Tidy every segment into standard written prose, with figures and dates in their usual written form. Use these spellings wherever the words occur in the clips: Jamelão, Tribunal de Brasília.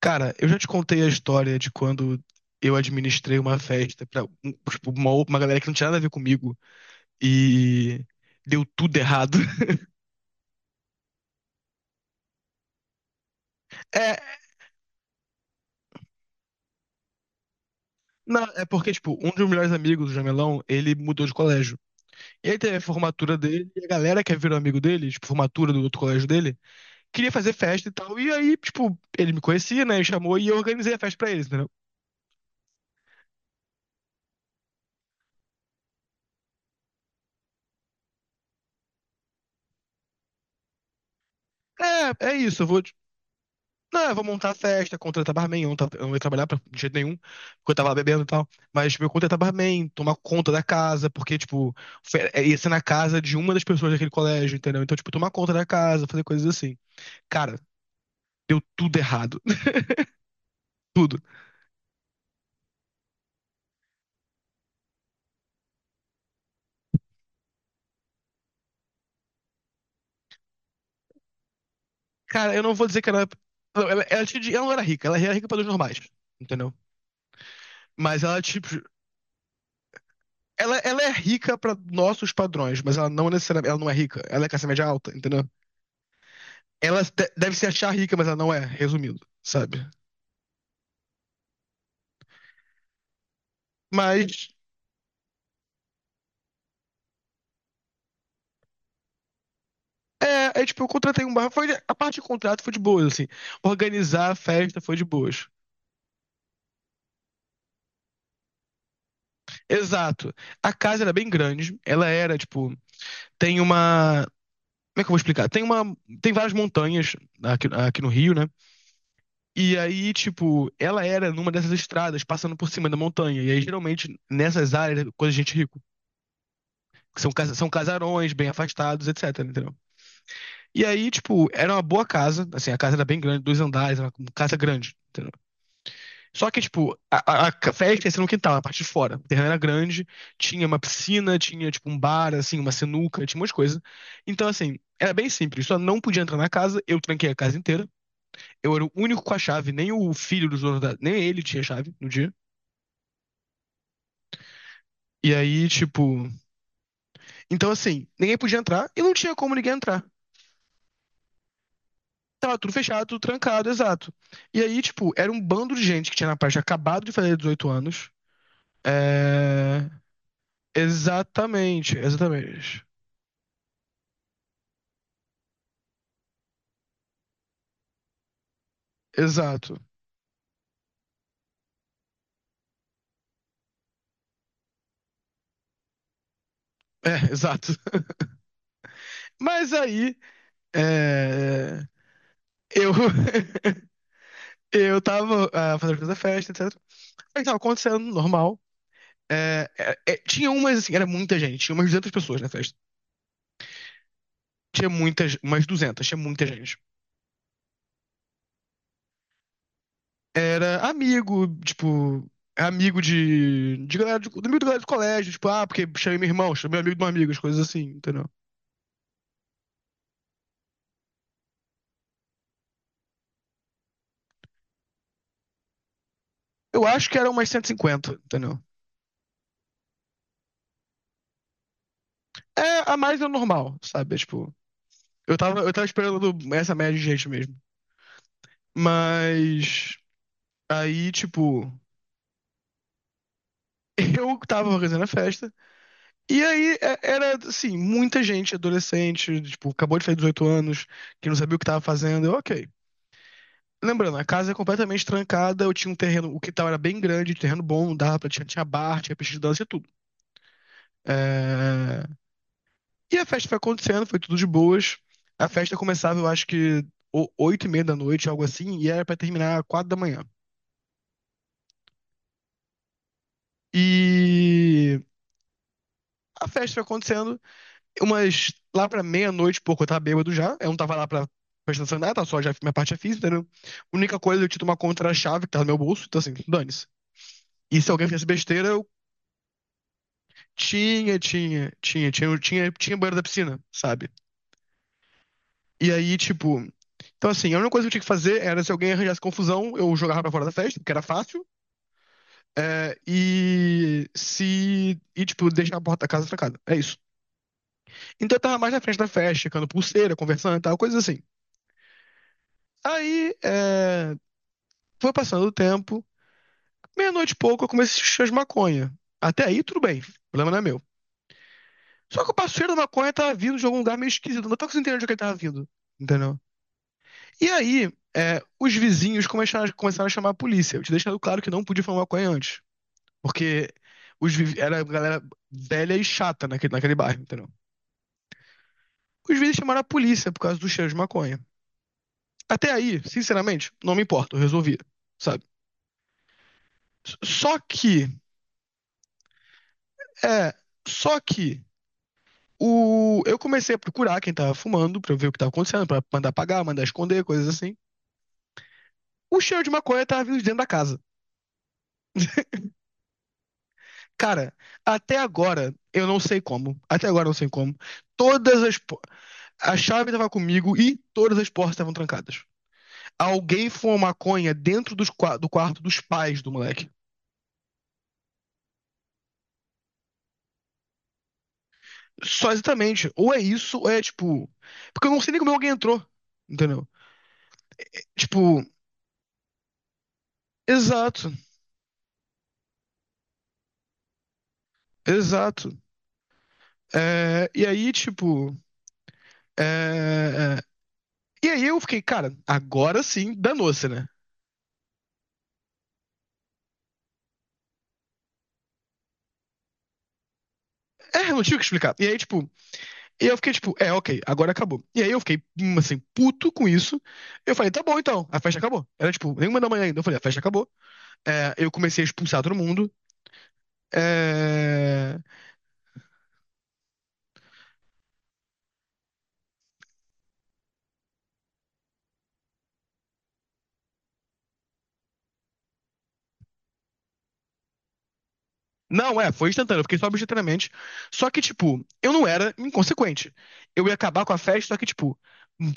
Cara, eu já te contei a história de quando eu administrei uma festa pra tipo, uma galera que não tinha nada a ver comigo e deu tudo errado. É, não, é porque, tipo, um dos meus melhores amigos, o Jamelão, ele mudou de colégio. E aí teve a formatura dele, e a galera que virou amigo dele, tipo, formatura do outro colégio dele, queria fazer festa e tal. E aí, tipo, ele me conhecia, né? E chamou e eu organizei a festa pra eles, entendeu? É, é isso, eu vou. Não, eu vou montar a festa, contratar barman. Eu não, eu não ia trabalhar pra, de jeito nenhum, porque eu tava lá bebendo e tal. Mas, tipo, eu contratar barman, tomar conta da casa, porque, tipo, é, ia ser na casa de uma das pessoas daquele colégio, entendeu? Então, tipo, tomar conta da casa, fazer coisas assim. Cara, deu tudo errado. Tudo. Cara, eu não vou dizer que ela. Ela, ela tinha ela não era rica, ela era rica pelos normais, entendeu? Mas ela, tipo. Ela é rica pra nossos padrões, mas ela não necessariamente. Ela não é rica. Ela é classe média alta, entendeu? Ela deve se achar rica, mas ela não é, resumindo, sabe? Mas é, é tipo, eu contratei um bar. Foi, a parte de contrato foi de boas, assim. Organizar a festa foi de boas. Exato. A casa era bem grande. Ela era, tipo, tem uma. Como é que eu vou explicar? Tem uma. Tem várias montanhas aqui, aqui no Rio, né? E aí, tipo, ela era numa dessas estradas, passando por cima da montanha. E aí, geralmente, nessas áreas, é coisa de gente rico. Que são, são casarões bem afastados, etc., entendeu? E aí, tipo, era uma boa casa. Assim, a casa era bem grande, dois andares, era uma casa grande. Só que, tipo, a, a festa ia ser no quintal, na parte de fora. O terreno era grande, tinha uma piscina, tinha, tipo, um bar, assim, uma sinuca, tinha umas coisas. Então, assim, era bem simples. Só não podia entrar na casa, eu tranquei a casa inteira. Eu era o único com a chave, nem o filho dos donos da... Nem ele tinha chave no dia. E aí, tipo... Então, assim, ninguém podia entrar e não tinha como ninguém entrar. Tava tudo fechado, tudo trancado, exato. E aí, tipo, era um bando de gente que tinha na parte acabado de fazer 18 anos. É... Exatamente, exatamente. Exato. É, exato. Mas aí, é, eu, eu tava fazendo toda a festa, etc. Aí tava acontecendo, normal. É, tinha umas, assim, era muita gente. Tinha umas 200 pessoas na festa. Tinha muitas, umas duzentas, tinha muita gente. Era amigo, tipo, amigo de galera, do amigo da galera do colégio. Tipo, ah, porque chamei meu irmão, chamei amigo de um amigo, as coisas assim, entendeu? Eu acho que era umas 150, entendeu? É, a mais é o normal, sabe? É, tipo, eu tava esperando essa média de gente mesmo. Mas aí, tipo, eu tava organizando a festa. E aí era, assim, muita gente adolescente, tipo, acabou de fazer 18 anos, que não sabia o que tava fazendo. Eu, ok. Lembrando, a casa é completamente trancada, eu tinha um terreno, o quintal era bem grande, terreno bom, dava pra, tinha bar, tinha pista de dança e tudo. É, e a festa foi acontecendo, foi tudo de boas. A festa começava, eu acho que 8:30 da noite, algo assim, e era pra terminar 4 da manhã. E a festa foi acontecendo, umas lá pra meia-noite, pouco, eu tava bêbado já. Eu não tava lá pra prestar atenção em nada, tava só já minha parte já fiz, entendeu? A única coisa, eu tinha uma contra-chave que tava no meu bolso, então assim, dane-se. E se alguém fizesse besteira, eu eu tinha tinha banheiro da piscina, sabe? E aí, tipo. Então, assim, a única coisa que eu tinha que fazer era se alguém arranjasse confusão, eu jogava pra fora da festa, porque era fácil, é, e se. E, tipo, deixar a porta da casa trancada. É isso. Então eu tava mais na frente da festa, checando pulseira, conversando e tal, coisas assim. Aí, é, foi passando o tempo, meia-noite e pouco eu comecei a cheirar de maconha. Até aí, tudo bem, o problema não é meu. Só que o passeio da maconha tava vindo de algum lugar meio esquisito, não tava conseguindo entender de onde ele tava vindo, entendeu? E aí, é, os vizinhos começaram a chamar a polícia, eu te deixando claro que não podia fumar maconha antes, porque era galera velha e chata naquele bairro, entendeu? Os vizinhos chamaram a polícia por causa do cheiro de maconha. Até aí, sinceramente, não me importa, eu resolvi, sabe? Só que, é, só que o eu comecei a procurar quem tava fumando pra ver o que tava acontecendo, pra mandar apagar, mandar esconder, coisas assim. O cheiro de maconha tava vindo de dentro da casa. Cara, até agora eu não sei como. Até agora eu não sei como. Todas as po- a chave tava comigo e todas as portas estavam trancadas. Alguém fumou maconha dentro do quarto dos pais do moleque. Só exatamente. Ou é isso, ou é tipo. Porque eu não sei nem como alguém entrou. Entendeu? Tipo, exato, exato. É, e aí, tipo. É, é. E aí eu fiquei, cara, agora sim, danou-se, né? É, não tive o que explicar. E aí, tipo, e eu fiquei, tipo, é, ok, agora acabou. E aí eu fiquei, assim, puto com isso. Eu falei, tá bom então, a festa acabou. Era, tipo, nenhuma da manhã ainda. Eu falei, a festa acabou. É, eu comecei a expulsar todo mundo. É, não, é, foi instantâneo, eu fiquei sóbrio instantaneamente. Só que, tipo, eu não era inconsequente. Eu ia acabar com a festa, só que, tipo,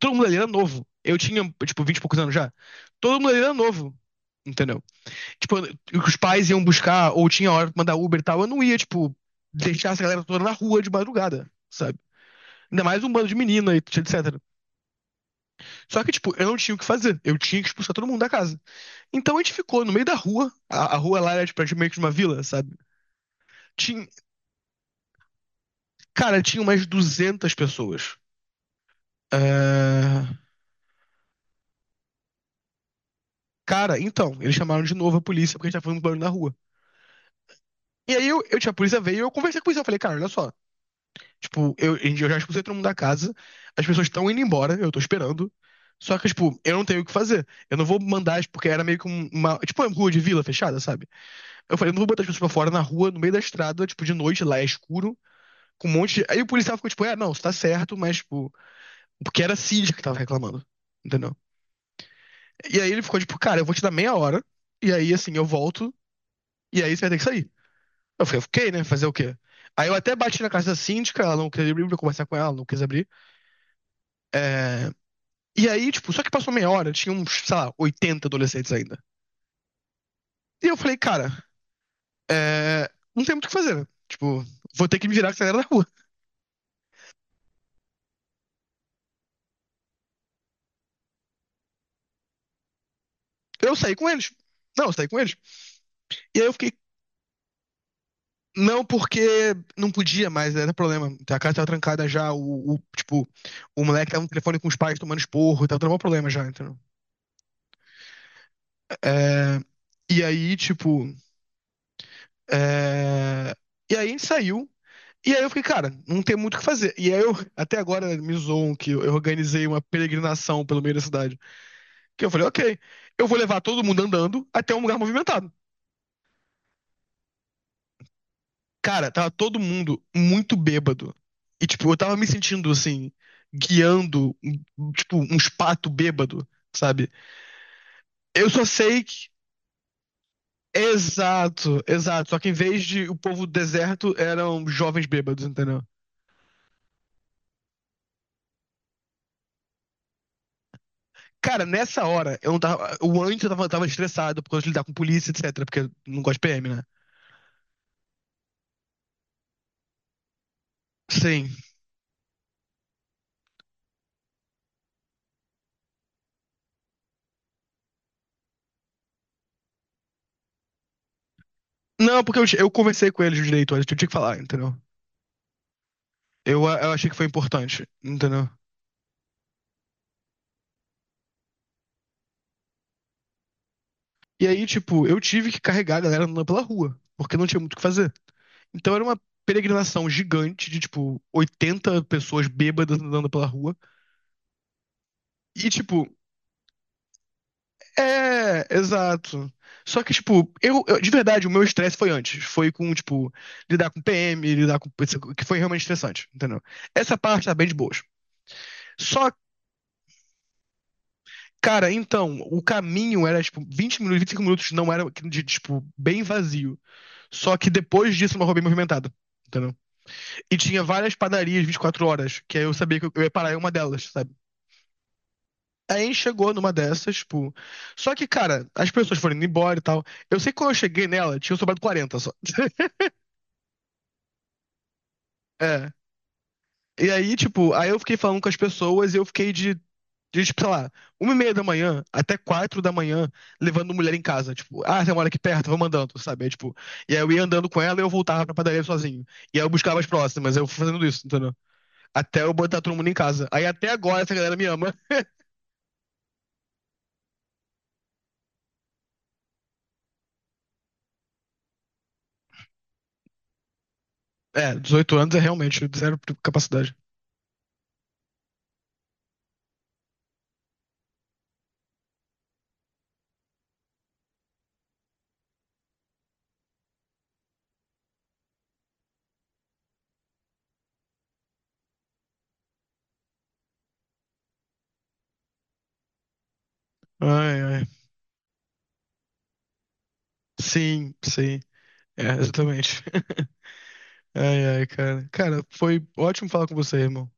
todo mundo ali era novo. Eu tinha, tipo, 20 e poucos anos já. Todo mundo ali era novo, entendeu? Tipo, os pais iam buscar, ou tinha hora pra mandar Uber e tal, eu não ia, tipo, deixar essa galera toda na rua de madrugada, sabe? Ainda mais um bando de menina, e etc. Só que, tipo, eu não tinha o que fazer. Eu tinha que expulsar todo mundo da casa. Então a gente ficou no meio da rua. A rua lá era, tipo, meio que de uma vila, sabe? Tinha, cara, tinha umas 200 pessoas. Ah, cara, então, eles chamaram de novo a polícia porque a gente tava fazendo muito barulho na rua. E aí a polícia veio e eu conversei com a polícia. Eu falei, cara, olha só. Tipo, eu já expulsei todo mundo da casa, as pessoas estão indo embora, eu tô esperando. Só que, tipo, eu não tenho o que fazer. Eu não vou mandar, porque era meio que uma. Tipo, uma rua de vila fechada, sabe? Eu falei, eu não vou botar as pessoas pra fora na rua, no meio da estrada, tipo, de noite, lá é escuro, com um monte de. Aí o policial ficou, tipo, é, não, você tá certo, mas, tipo, porque era a Cid que tava reclamando. Entendeu? E aí ele ficou tipo, cara, eu vou te dar meia hora, e aí assim, eu volto, e aí você vai ter que sair. Eu falei, ok, né? Fazer o quê? Aí eu até bati na casa da síndica, ela não queria abrir pra eu conversar com ela, ela não quis abrir. É, e aí, tipo, só que passou meia hora, tinha uns, sei lá, 80 adolescentes ainda. E eu falei, cara, é, não tem muito o que fazer, né? Tipo, vou ter que me virar com a galera da rua. Eu saí com eles. Não, eu saí com eles. E aí eu fiquei não, porque não podia mais, era problema. Então, a casa tava trancada já, tipo, o moleque tava no telefone com os pais tomando esporro, tava dando um problema já, entendeu? É, e aí, tipo, é, e aí a gente saiu, e aí eu fiquei, cara, não tem muito o que fazer. E aí eu, até agora, né, me zoam que eu organizei uma peregrinação pelo meio da cidade, que eu falei, ok, eu vou levar todo mundo andando até um lugar movimentado. Cara, tava todo mundo muito bêbado. E, tipo, eu tava me sentindo, assim, guiando, tipo, uns pato bêbado, sabe? Eu só sei que. Exato, exato. Só que em vez de o povo do deserto, eram jovens bêbados, entendeu? Cara, nessa hora, eu não tava. O antes eu tava, tava estressado por causa de lidar com polícia, etc. Porque eu não gosto de PM, né? Sim. Não, porque eu conversei com eles direito, antes, eu tinha que falar, entendeu? Eu achei que foi importante, entendeu? E aí, tipo, eu tive que carregar a galera andando pela rua, porque não tinha muito o que fazer. Então era uma peregrinação gigante de, tipo, 80 pessoas bêbadas andando pela rua. E, tipo, é, exato. Só que, tipo, de verdade, o meu estresse foi antes. Foi com, tipo, lidar com PM, lidar com. Que foi realmente estressante, entendeu? Essa parte tá bem de boas. Só, cara, então, o caminho era, tipo, 20 minutos, 25 minutos não era, de, tipo, bem vazio. Só que depois disso, uma rua bem movimentada, entendeu? E tinha várias padarias 24 horas, que aí eu sabia que eu ia parar em uma delas, sabe? Aí a gente chegou numa dessas, tipo. Só que, cara, as pessoas foram indo embora e tal. Eu sei que quando eu cheguei nela, tinha um sobrado 40 só. É. E aí, tipo, aí eu fiquei falando com as pessoas e eu fiquei de tipo, sei lá, 1:30 da manhã até 4 da manhã, levando mulher em casa. Tipo, ah, tem uma mora aqui perto, vou mandando, sabe? Aí, tipo, e aí eu ia andando com ela e eu voltava pra padaria sozinho. E aí eu buscava as próximas, eu fui fazendo isso, entendeu? Até eu botar todo mundo em casa. Aí até agora essa galera me ama. É, 18 anos é realmente zero capacidade. Ai, ai. Sim, sim. É, exatamente. Ai, ai, cara. Cara, foi ótimo falar com você, irmão.